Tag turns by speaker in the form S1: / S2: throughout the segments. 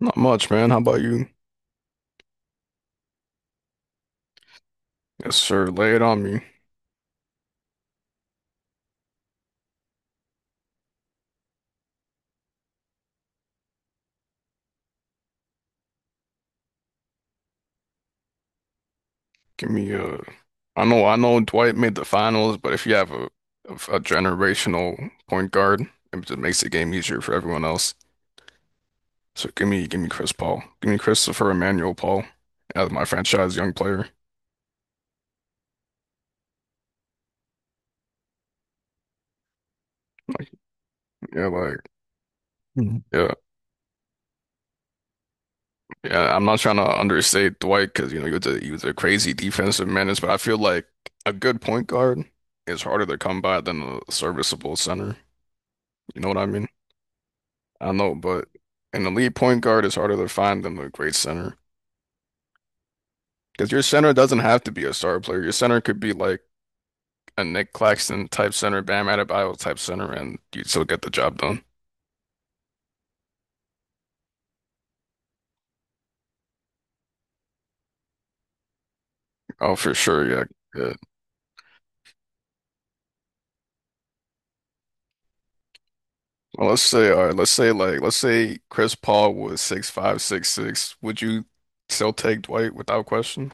S1: Not much, man. How about you? Yes, sir. Lay it on me. Give me a. I know Dwight made the finals, but if you have a generational point guard, it just makes the game easier for everyone else. So give me Chris Paul. Give me Christopher Emmanuel Paul as my franchise young player. Yeah, like, mhm, yeah, yeah. I'm not trying to understate Dwight because you know he was a crazy defensive menace, but I feel like a good point guard is harder to come by than a serviceable center. You know what I mean? I know, but an elite point guard is harder to find than a great center. Because your center doesn't have to be a star player. Your center could be like a Nick Claxton type center, Bam Adebayo type center, and you'd still get the job done. Oh, for sure, yeah. Yeah. Well, let's say, all right, let's say Chris Paul was 6'5", 6'6". Would you still take Dwight without question?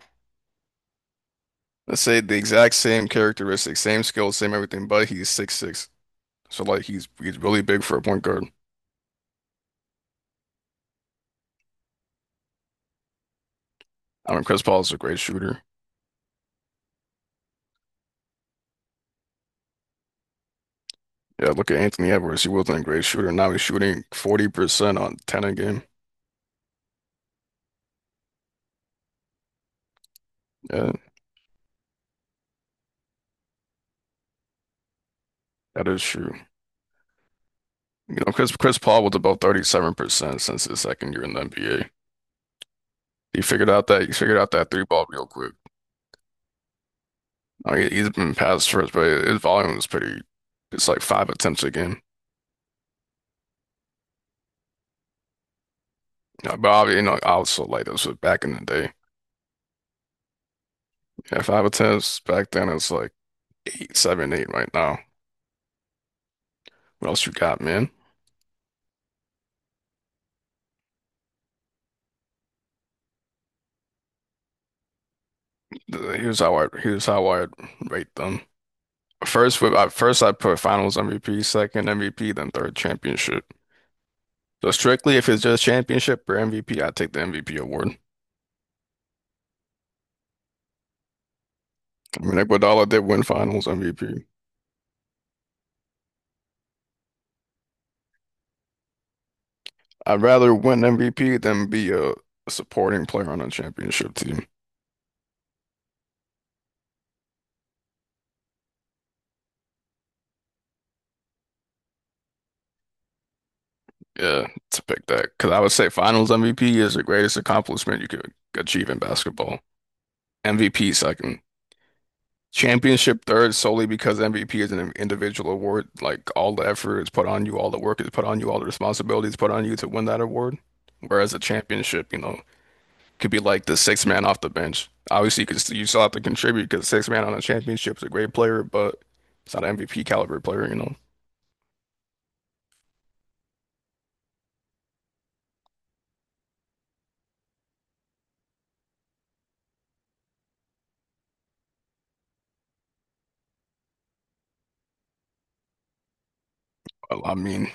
S1: Let's say the exact same characteristics, same skills, same everything, but he's 6'6". So like he's really big for a point guard. I mean, Chris Paul is a great shooter. Yeah, look at Anthony Edwards. He wasn't a great shooter. Now he's shooting 40% on 10 a game. Yeah, that is true. You know, Chris Paul was about 37% since his second year in the NBA. He figured out that three ball real quick. I mean, he's been past first, but his volume is pretty. It's like five attempts a game. Yeah, but obviously, I also like this was back in the day. Yeah, five attempts back then. It's like eight, seven, eight right now. What else you got, man? Here's how I rate them. First I put Finals MVP, second MVP, then third championship. So strictly, if it's just championship or MVP, I take the MVP award. I mean, Iguodala did win Finals MVP. I'd rather win MVP than be a supporting player on a championship team. Yeah, to pick that because I would say Finals MVP is the greatest accomplishment you could achieve in basketball. MVP second. Championship third solely because MVP is an individual award. Like all the effort is put on you, all the work is put on you, all the responsibilities put on you to win that award. Whereas a championship, could be like the sixth man off the bench. Obviously, you still have to contribute because sixth man on a championship is a great player, but it's not an MVP caliber player. Well, I mean,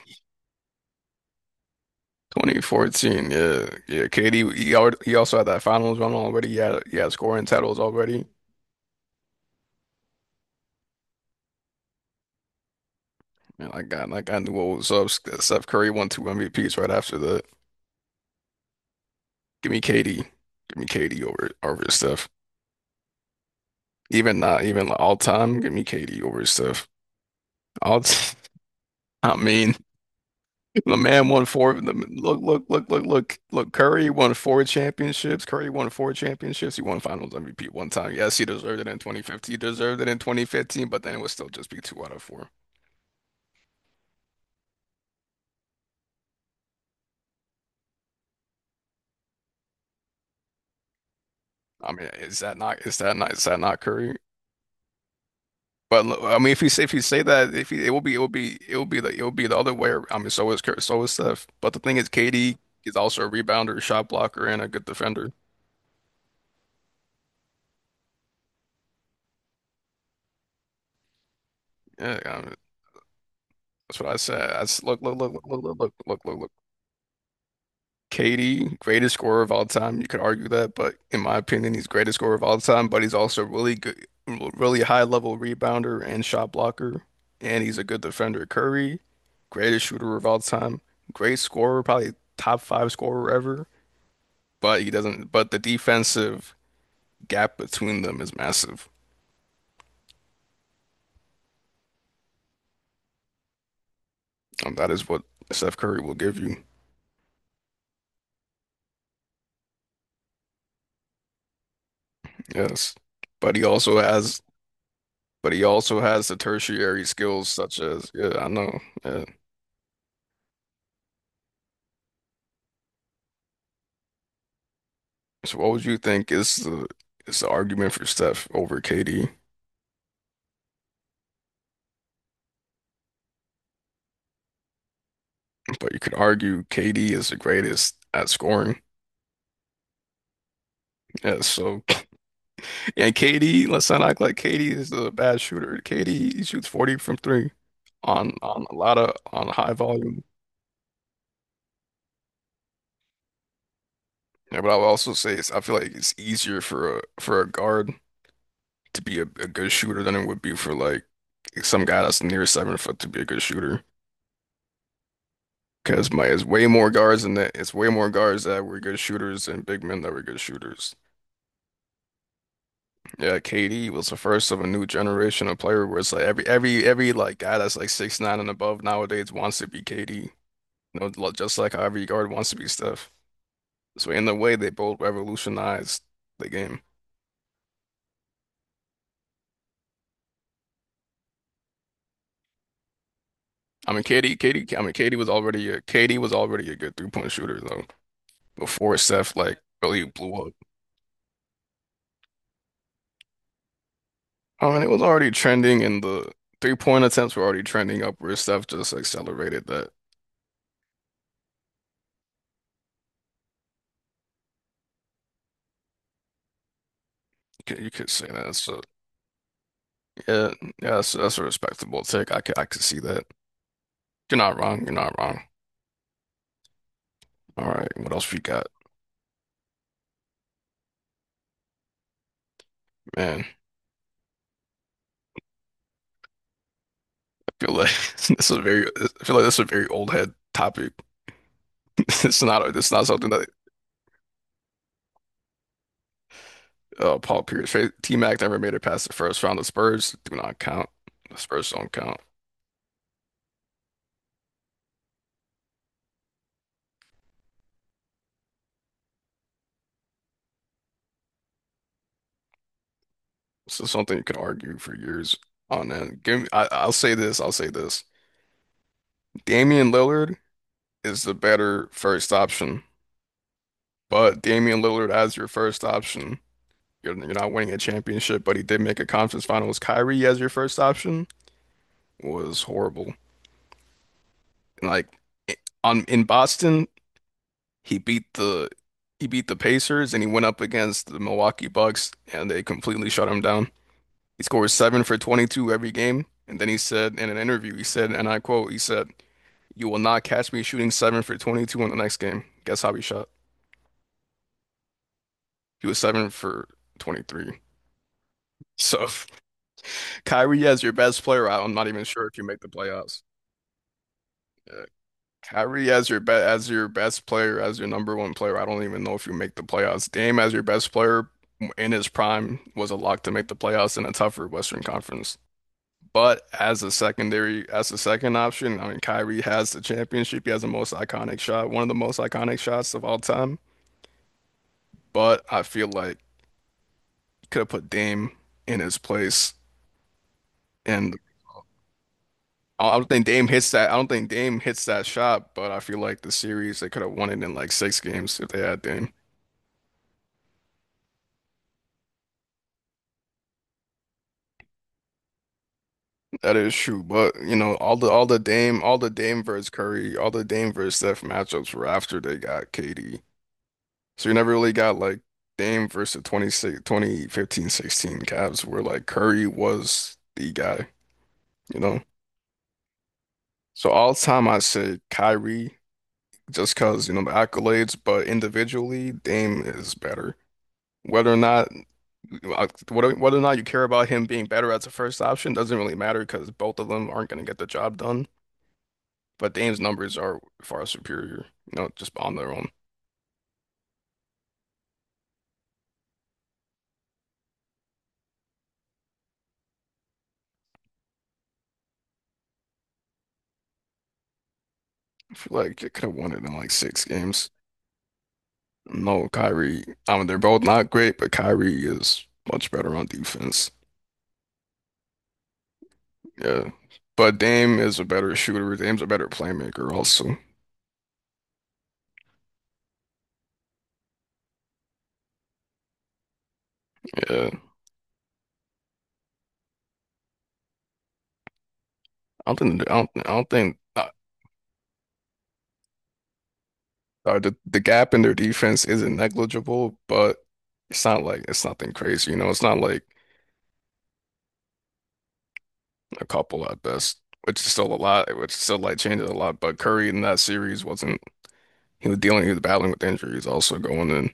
S1: 2014, yeah, yeah. KD, he also had that finals run already. He had scoring titles already. And I knew what was up. Steph Curry won two MVPs right after that. Give me KD. Give me KD over his stuff. Even not even like all time. Give me KD over his stuff. All t I mean, the man won four. Look, look, look, look, look, look. Curry won four championships. Curry won four championships. He won Finals MVP one time. Yes, he deserved it in 2015. He deserved it in 2015, but then it would still just be two out of four. I mean, is that not is that not is that not Curry? I mean, if you say that, if you, it will be it will be it will be the it will be the other way. I mean, so is Kurt, so is Steph. But the thing is, KD is also a rebounder, shot blocker, and a good defender. Yeah, I mean, that's what I said. I s look, look, look, look, look, look, look, look, look, look. KD, greatest scorer of all time. You could argue that, but in my opinion, he's greatest scorer of all time. But he's also really good, really high level rebounder and shot blocker, and he's a good defender. Curry, greatest shooter of all time, great scorer, probably top five scorer ever. But he doesn't. But the defensive gap between them is massive, and that is what Steph Curry will give you. Yes, but he also has, but he also has the tertiary skills such as, yeah, I know. Yeah. So what would you think is the argument for Steph over KD? But you could argue KD is the greatest at scoring. Yeah, so and KD, let's not act like KD is a bad shooter. KD he shoots 40 from three on a lot of on high volume. Yeah, but I would also say it's, I feel like it's easier for a guard to be a good shooter than it would be for like some guy that's near 7 foot to be a good shooter. Because my it's way more guards than that. It's way more guards that were good shooters and big men that were good shooters. Yeah, KD was the first of a new generation of player where it's like every like guy that's like 6'9" and above nowadays wants to be KD. You know, just like how every guard wants to be Steph. So in a way, they both revolutionized the game. I mean, Katie, Katie, I mean, Katie was already a Katie was already a good 3-point shooter though before Steph like really blew up. I mean, it was already trending, and the 3-point attempts were already trending upwards. Steph just accelerated that. You could say that. So yeah, yeah, that's a respectable take. I could see that. You're not wrong. You're not wrong. All right, what else we got, man? I feel like this is a very, I feel like this is a very old head topic. It's not something that. Paul Pierce. T-Mac never made it past the first round. The Spurs do not count. The Spurs don't count. This is something you could argue for years on end. I'll say this. I'll say this. Damian Lillard is the better first option, but Damian Lillard as your first option, you're not winning a championship. But he did make a conference finals. Kyrie as your first option was horrible. And like on in Boston, he beat the he beat the Pacers and he went up against the Milwaukee Bucks and they completely shut him down. He scores seven for 22 every game. And then he said in an interview, he said, and I quote, he said, "You will not catch me shooting seven for 22 in the next game." Guess how he shot? He was seven for 23. So Kyrie as your best player out, I'm not even sure if you make the playoffs. Yeah. Kyrie as your best player, as your number one player. I don't even know if you make the playoffs. Dame as your best player in his prime was a lock to make the playoffs in a tougher Western Conference. But as a second option, I mean, Kyrie has the championship. He has the most iconic shot, one of the most iconic shots of all time. But I feel like you could have put Dame in his place. And I don't think Dame hits that. I don't think Dame hits that shot. But I feel like the series they could have won it in like six games if they had Dame. That is true, but you know all the Dame versus Curry, all the Dame versus Steph matchups were after they got KD. So you never really got like Dame versus 2015-16 Cavs where like Curry was the guy, you know. So all time I say Kyrie just 'cause you know the accolades, but individually Dame is better. Whether or not whether or not you care about him being better as a first option doesn't really matter because both of them aren't going to get the job done. But Dame's numbers are far superior, just on their own. I feel like they could have won it in like six games. No, Kyrie. I mean, they're both not great, but Kyrie is much better on defense. Yeah. But Dame is a better shooter. Dame's a better playmaker also. Yeah. I don't think the gap in their defense isn't negligible, but it's not like it's nothing crazy. It's not like a couple at best, which is still a lot, which still like changes a lot. But Curry in that series wasn't, he was dealing, he was battling with injuries also going in.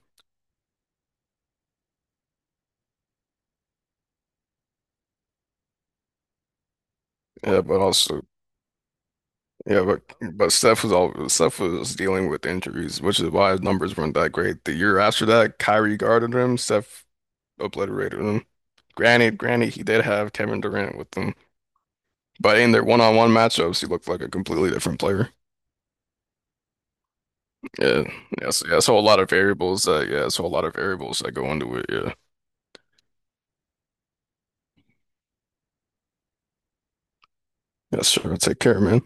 S1: Yeah, but also, yeah, but Steph was dealing with injuries, which is why his numbers weren't that great. The year after that, Kyrie guarded him, Steph obliterated him. Granted, he did have Kevin Durant with him, but in their one-on-one matchups, he looked like a completely different player. Yeah, yeah, so, yeah, so a lot of variables that, yeah, so a lot of variables that go into it. Yeah, yeah, sure. Take care, man.